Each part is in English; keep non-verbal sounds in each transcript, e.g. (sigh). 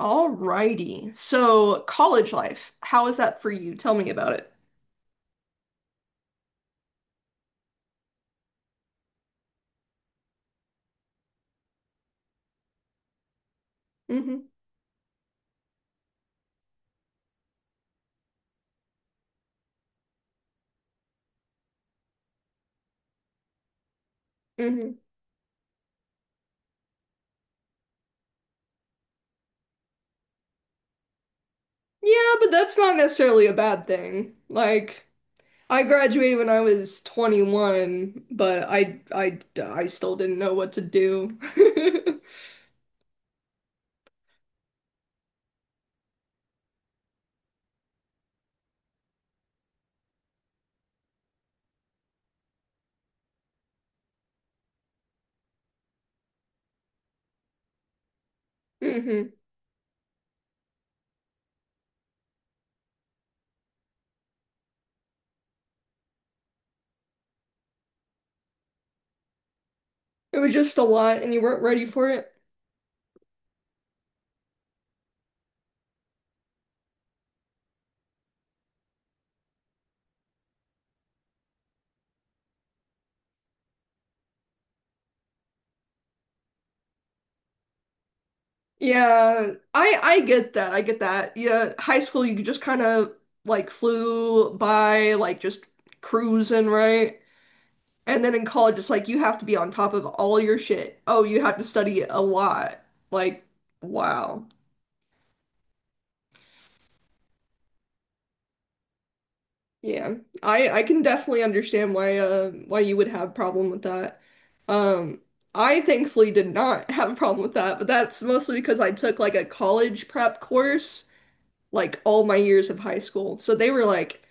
Alrighty. So, college life, how is that for you? Tell me about it. hmm hmm Yeah, but that's not necessarily a bad thing. Like, I graduated when I was 21, but I still didn't know what to do. (laughs) hmm It was just a lot and you weren't ready for it. Yeah, I get that. I get that. Yeah, high school you just kind of like flew by like just cruising, right? And then in college, it's like you have to be on top of all your shit. Oh, you have to study a lot. Like, wow. Yeah. I can definitely understand why you would have a problem with that. Um, I thankfully did not (laughs) have a problem with that, but that's mostly because I took like a college prep course like all my years of high school. So they were like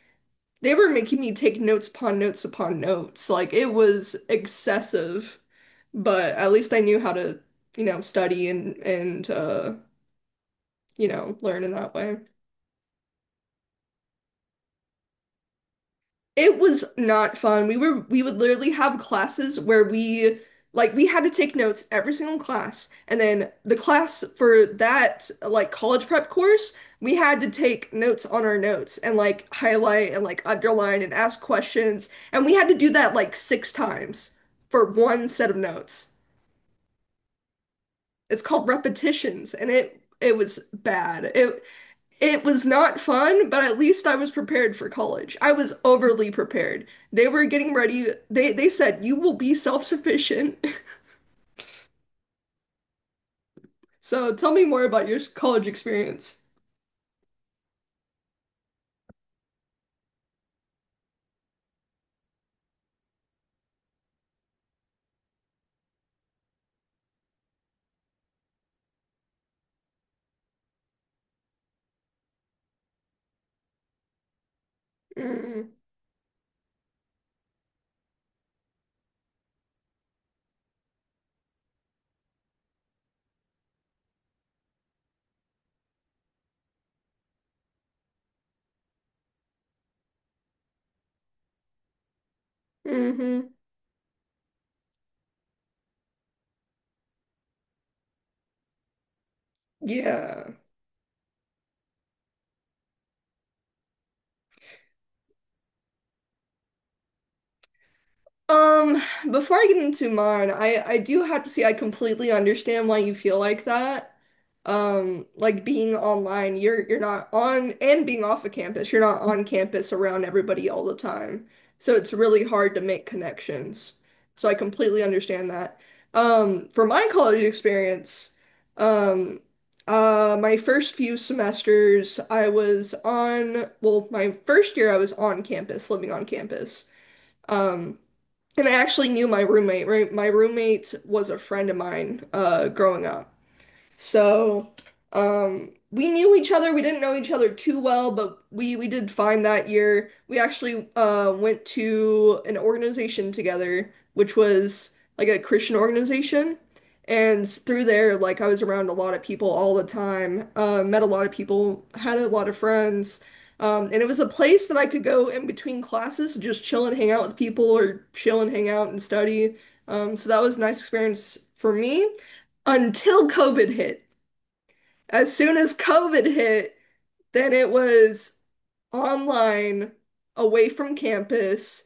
they were making me take notes upon notes upon notes. Like it was excessive, but at least I knew how to, study and and learn in that way. It was not fun. We would literally have classes where we had to take notes every single class, and then the class for that like college prep course, we had to take notes on our notes and like highlight and like underline and ask questions, and we had to do that like six times for one set of notes. It's called repetitions, and it was bad. It was not fun, but at least I was prepared for college. I was overly prepared. They were getting ready. They said you will be self-sufficient. (laughs) So tell me more about your college experience. Mm, hmm Yeah. Um, before I get into mine, I do have to say I completely understand why you feel like that. Like being online, you're not on and being off of campus, you're not on campus around everybody all the time. So it's really hard to make connections. So I completely understand that. For my college experience, um, my first few semesters, I was on, well, my first year I was on campus, living on campus. Um, and I actually knew my roommate, right? My roommate was a friend of mine growing up. So, we knew each other. We didn't know each other too well, but we did fine that year. We actually went to an organization together, which was like a Christian organization. And through there, like I was around a lot of people all the time, met a lot of people, had a lot of friends. And it was a place that I could go in between classes to just chill and hang out with people or chill and hang out and study. So that was a nice experience for me until COVID hit. As soon as COVID hit, then it was online, away from campus.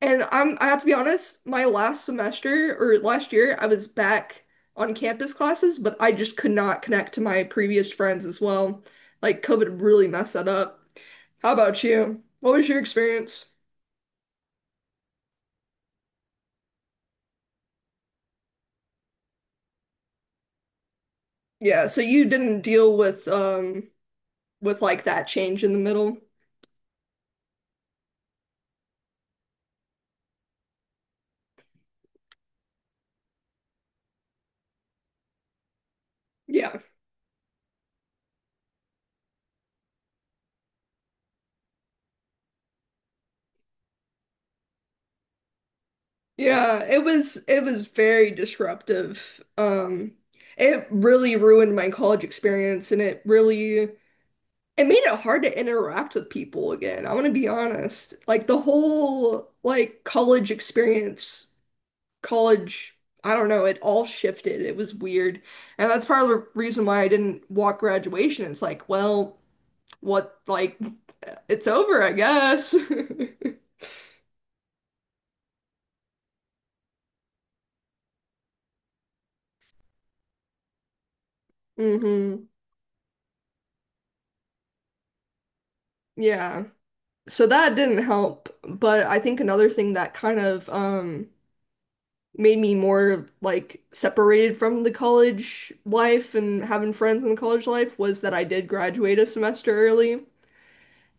And I have to be honest, my last semester or last year, I was back on campus classes, but I just could not connect to my previous friends as well. Like COVID really messed that up. How about you? What was your experience? Yeah, so you didn't deal with like that change in the middle. Yeah. Yeah, it was very disruptive. It really ruined my college experience and it really it made it hard to interact with people again. I'm gonna be honest. Like the whole like college experience, college, I don't know, it all shifted. It was weird. And that's part of the reason why I didn't walk graduation. It's like, well, what like it's over, I guess. (laughs) hmm Yeah. So that didn't help, but I think another thing that kind of made me more like separated from the college life and having friends in the college life was that I did graduate a semester early.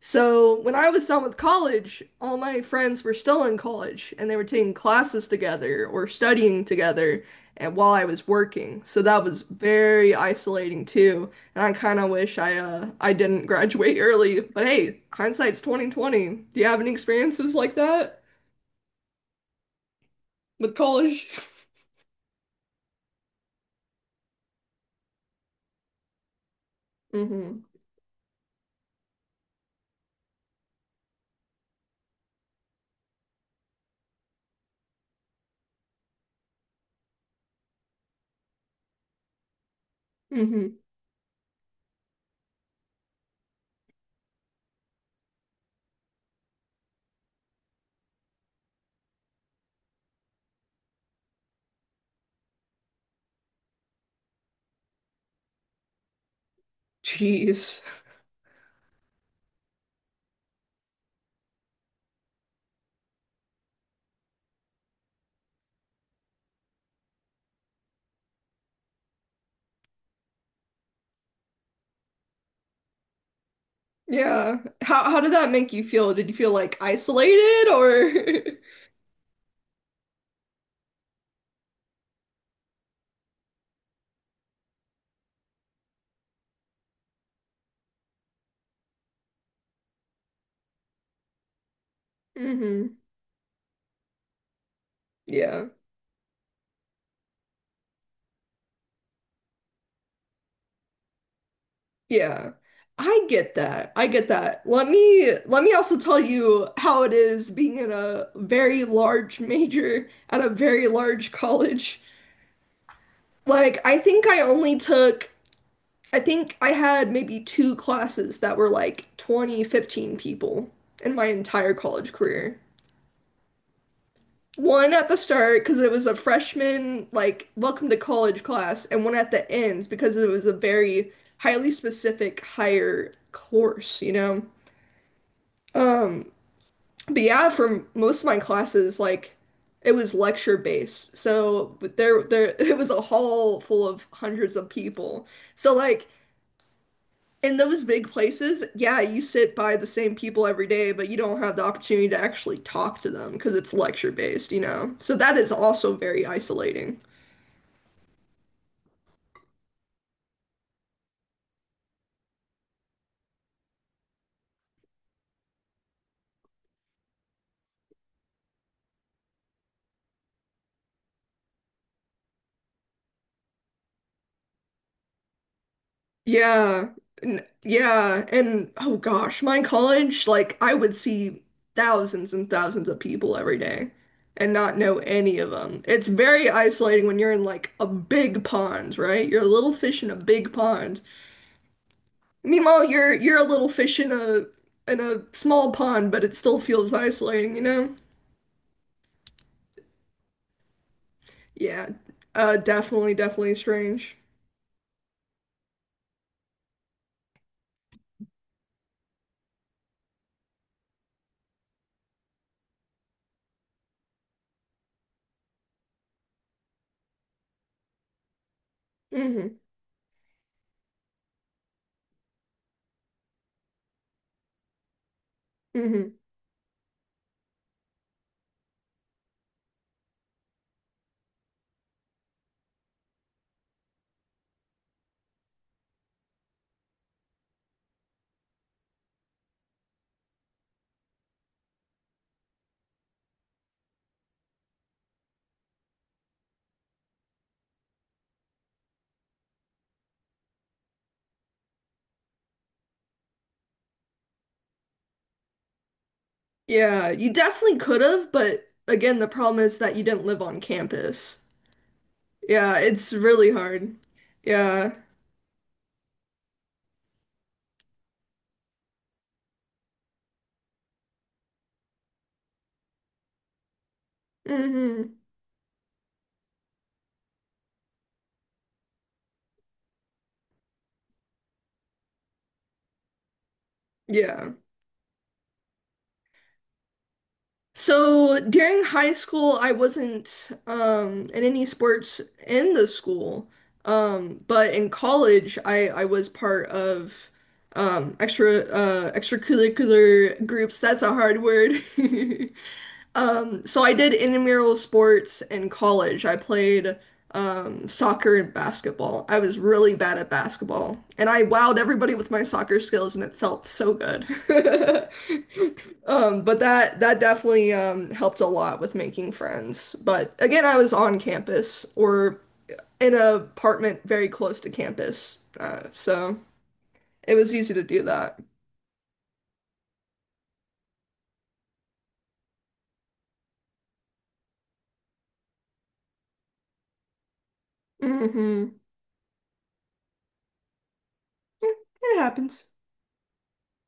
So when I was done with college, all my friends were still in college and they were taking classes together or studying together and while I was working. So that was very isolating too. And I kind of wish I didn't graduate (laughs) early. But hey, hindsight's 2020. Do you have any experiences like that with college? (laughs) Mm-hmm. Mm-hmm. Jeez. Yeah. How did that make you feel? Did you feel like isolated or (laughs) Mm-hmm. Yeah. Yeah, I get that. I get that. Let me also tell you how it is being in a very large major at a very large college. Like, I think I only took, I think I had maybe two classes that were like 20, 15 people in my entire college career. One at the start because it was a freshman, like, welcome to college class, and one at the ends because it was a very highly specific higher course, you know? But yeah, for most of my classes, like it was lecture based. So but there (laughs) it was a hall full of hundreds of people. So like in those big places, yeah, you sit by the same people every day, but you don't have the opportunity to actually talk to them because it's lecture based, you know. So that is also very isolating. Yeah. Yeah. And oh gosh, my college, like I would see thousands and thousands of people every day and not know any of them. It's very isolating when you're in like a big pond, right? You're a little fish in a big pond. Meanwhile, you're a little fish in a small pond, but it still feels isolating, you know? Yeah. Definitely, definitely strange. hmm hmm Yeah, you definitely could have, but again, the problem is that you didn't live on campus. Yeah, it's really hard. Yeah. hmm Yeah. So during high school, I wasn't in any sports in the school. But in college, I was part of extracurricular groups. That's a hard word. (laughs) So I did intramural sports in college. I played soccer and basketball. I was really bad at basketball, and I wowed everybody with my soccer skills, and it felt so good. (laughs) But that definitely helped a lot with making friends. But again, I was on campus or in an apartment very close to campus, so it was easy to do that. hmm It happens.